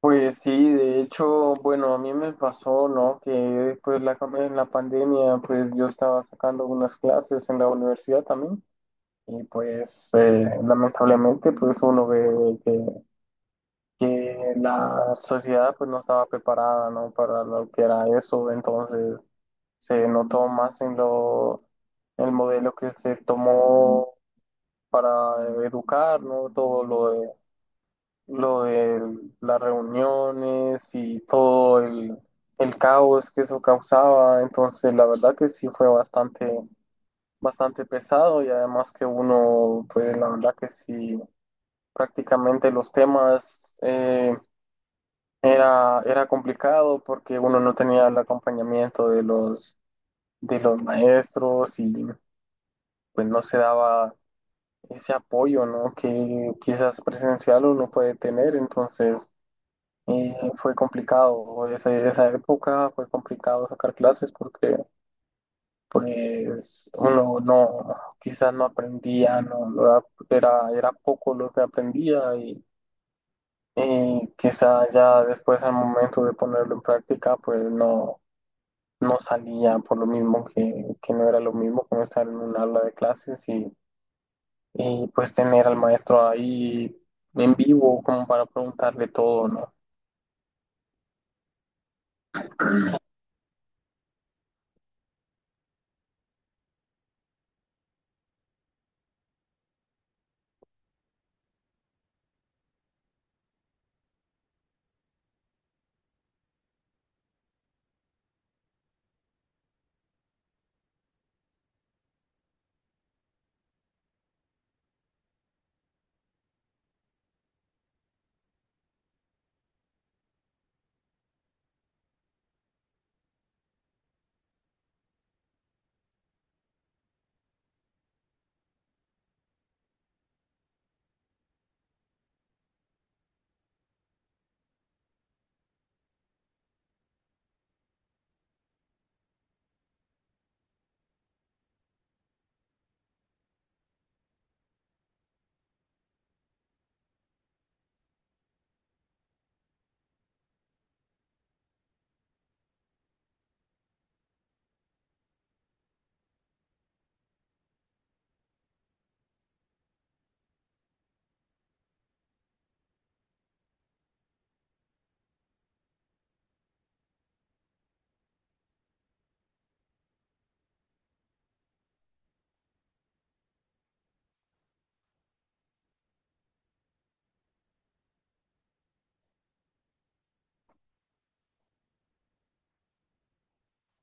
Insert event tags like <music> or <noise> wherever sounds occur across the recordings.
Pues sí, de hecho, bueno, a mí me pasó, ¿no? Que después en la pandemia, pues yo estaba sacando unas clases en la universidad también y pues lamentablemente, pues uno ve que la sociedad pues no estaba preparada, ¿no? Para lo que era eso, entonces se notó más en lo, el modelo que se tomó para educar, ¿no? Todo lo de las reuniones y el caos que eso causaba. Entonces, la verdad que sí fue bastante pesado y además que uno, pues la verdad que sí, prácticamente los temas era complicado porque uno no tenía el acompañamiento de los maestros y pues no se daba ese apoyo, ¿no? Que quizás presencial uno puede tener, entonces fue complicado, esa época fue complicado sacar clases porque pues uno no, quizás no aprendía, no era, era poco lo que aprendía y quizás ya después al momento de ponerlo en práctica pues no, no salía por lo mismo que no era lo mismo como estar en un aula de clases y pues tener al maestro ahí en vivo como para preguntarle todo, ¿no?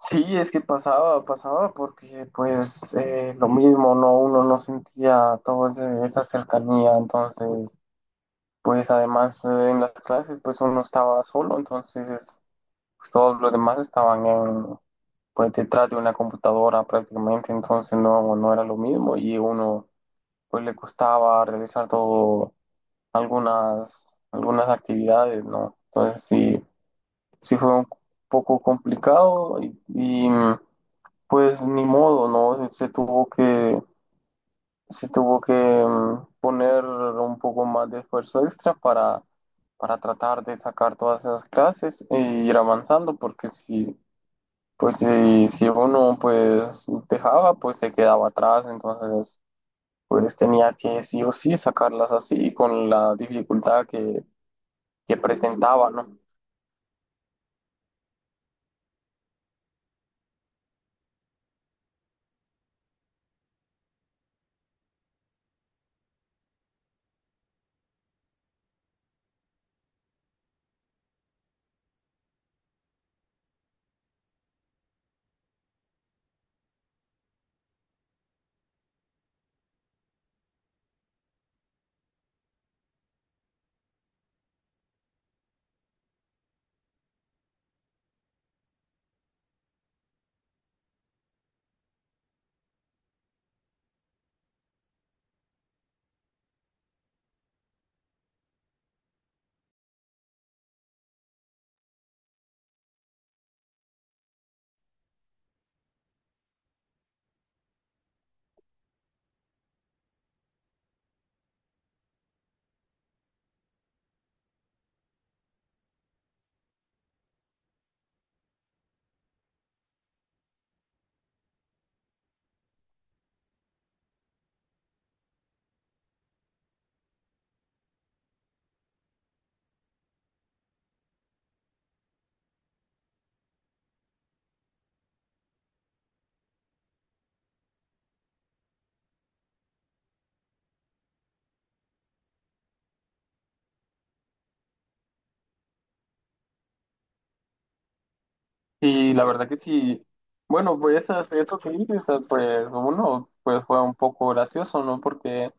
Sí, es que pasaba porque pues lo mismo, ¿no? Uno no sentía toda esa cercanía, entonces pues además en las clases pues uno estaba solo, pues, todos los demás estaban en, pues detrás de una computadora prácticamente, entonces no, no era lo mismo y uno pues le costaba realizar todo algunas, algunas actividades, ¿no? Entonces sí, sí fue un poco complicado y pues ni modo, ¿no? Se tuvo que poner un poco más de esfuerzo extra para tratar de sacar todas esas clases e ir avanzando, porque si, pues si, si uno pues dejaba, pues se quedaba atrás, entonces pues tenía que sí o sí sacarlas así con la dificultad que presentaba, ¿no? Y la verdad que sí, bueno, pues eso que dices, pues uno pues fue un poco gracioso, ¿no? Porque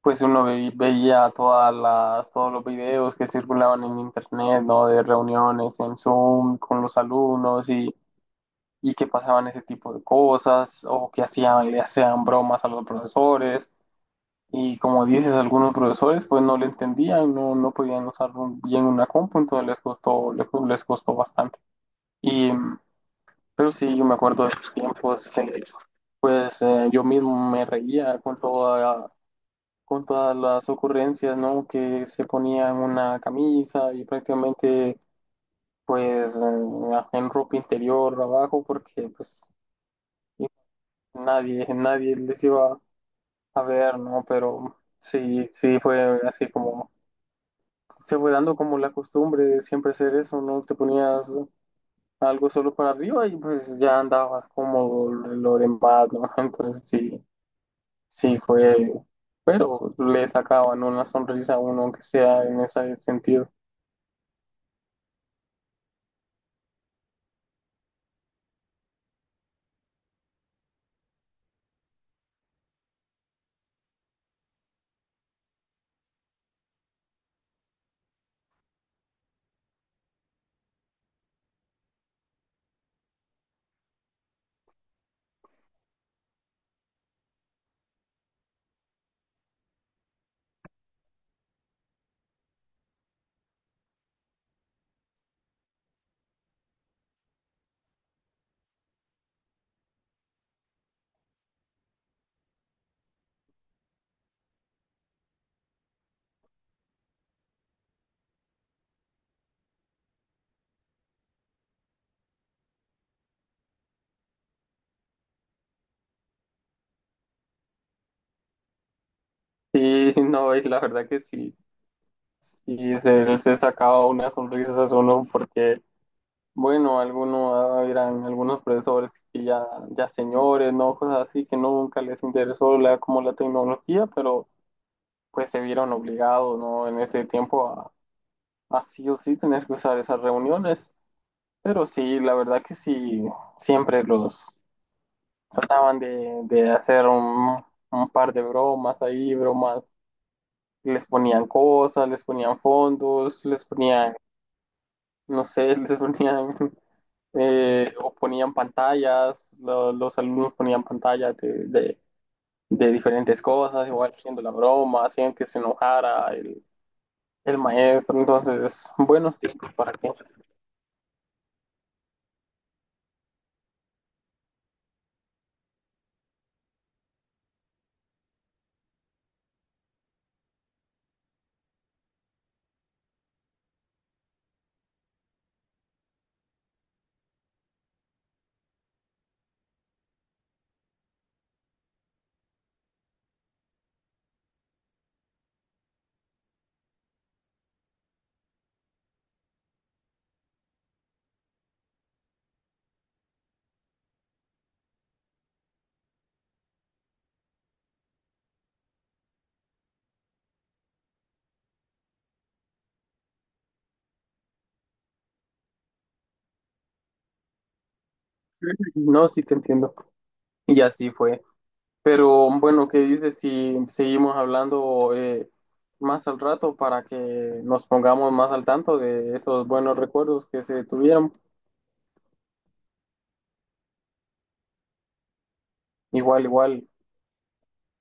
pues uno veía todos los videos que circulaban en internet, ¿no? De reuniones en Zoom con los alumnos y que pasaban ese tipo de cosas o que hacían, le hacían bromas a los profesores. Y como dices, algunos profesores pues no le entendían, no, no podían usar bien una compu, entonces les costó, les costó bastante. Y, pero sí, yo me acuerdo de esos tiempos, pues yo mismo me reía con todas las ocurrencias, ¿no? Que se ponían una camisa y prácticamente, pues, en ropa interior abajo, porque, pues, nadie les iba a ver, ¿no? Pero sí, sí fue así como, se fue dando como la costumbre de siempre hacer eso, ¿no? Te ponías algo solo para arriba y pues ya andabas cómodo lo demás, ¿no? <laughs> Entonces sí, sí fue, pero le sacaban una sonrisa a uno, aunque sea en ese sentido. Sí, <laughs> no, y la verdad que sí, sí se sacaba una sonrisa a uno porque, bueno, algunos eran algunos profesores que ya, ya señores, ¿no? Cosas así que nunca les interesó la, como la tecnología, pero pues se vieron obligados, ¿no? En ese tiempo a sí o sí tener que usar esas reuniones. Pero sí, la verdad que sí, siempre los trataban de hacer un par de bromas ahí, bromas les ponían cosas, les ponían fondos, les ponían, no sé, <laughs> les ponían, o ponían pantallas, los alumnos ponían pantallas de diferentes cosas, igual haciendo la broma, hacían que se enojara el maestro, entonces, buenos tiempos para que, no, sí te entiendo, y así fue. Pero bueno, ¿qué dices si seguimos hablando más al rato para que nos pongamos más al tanto de esos buenos recuerdos que se tuvieron? Igual, igual.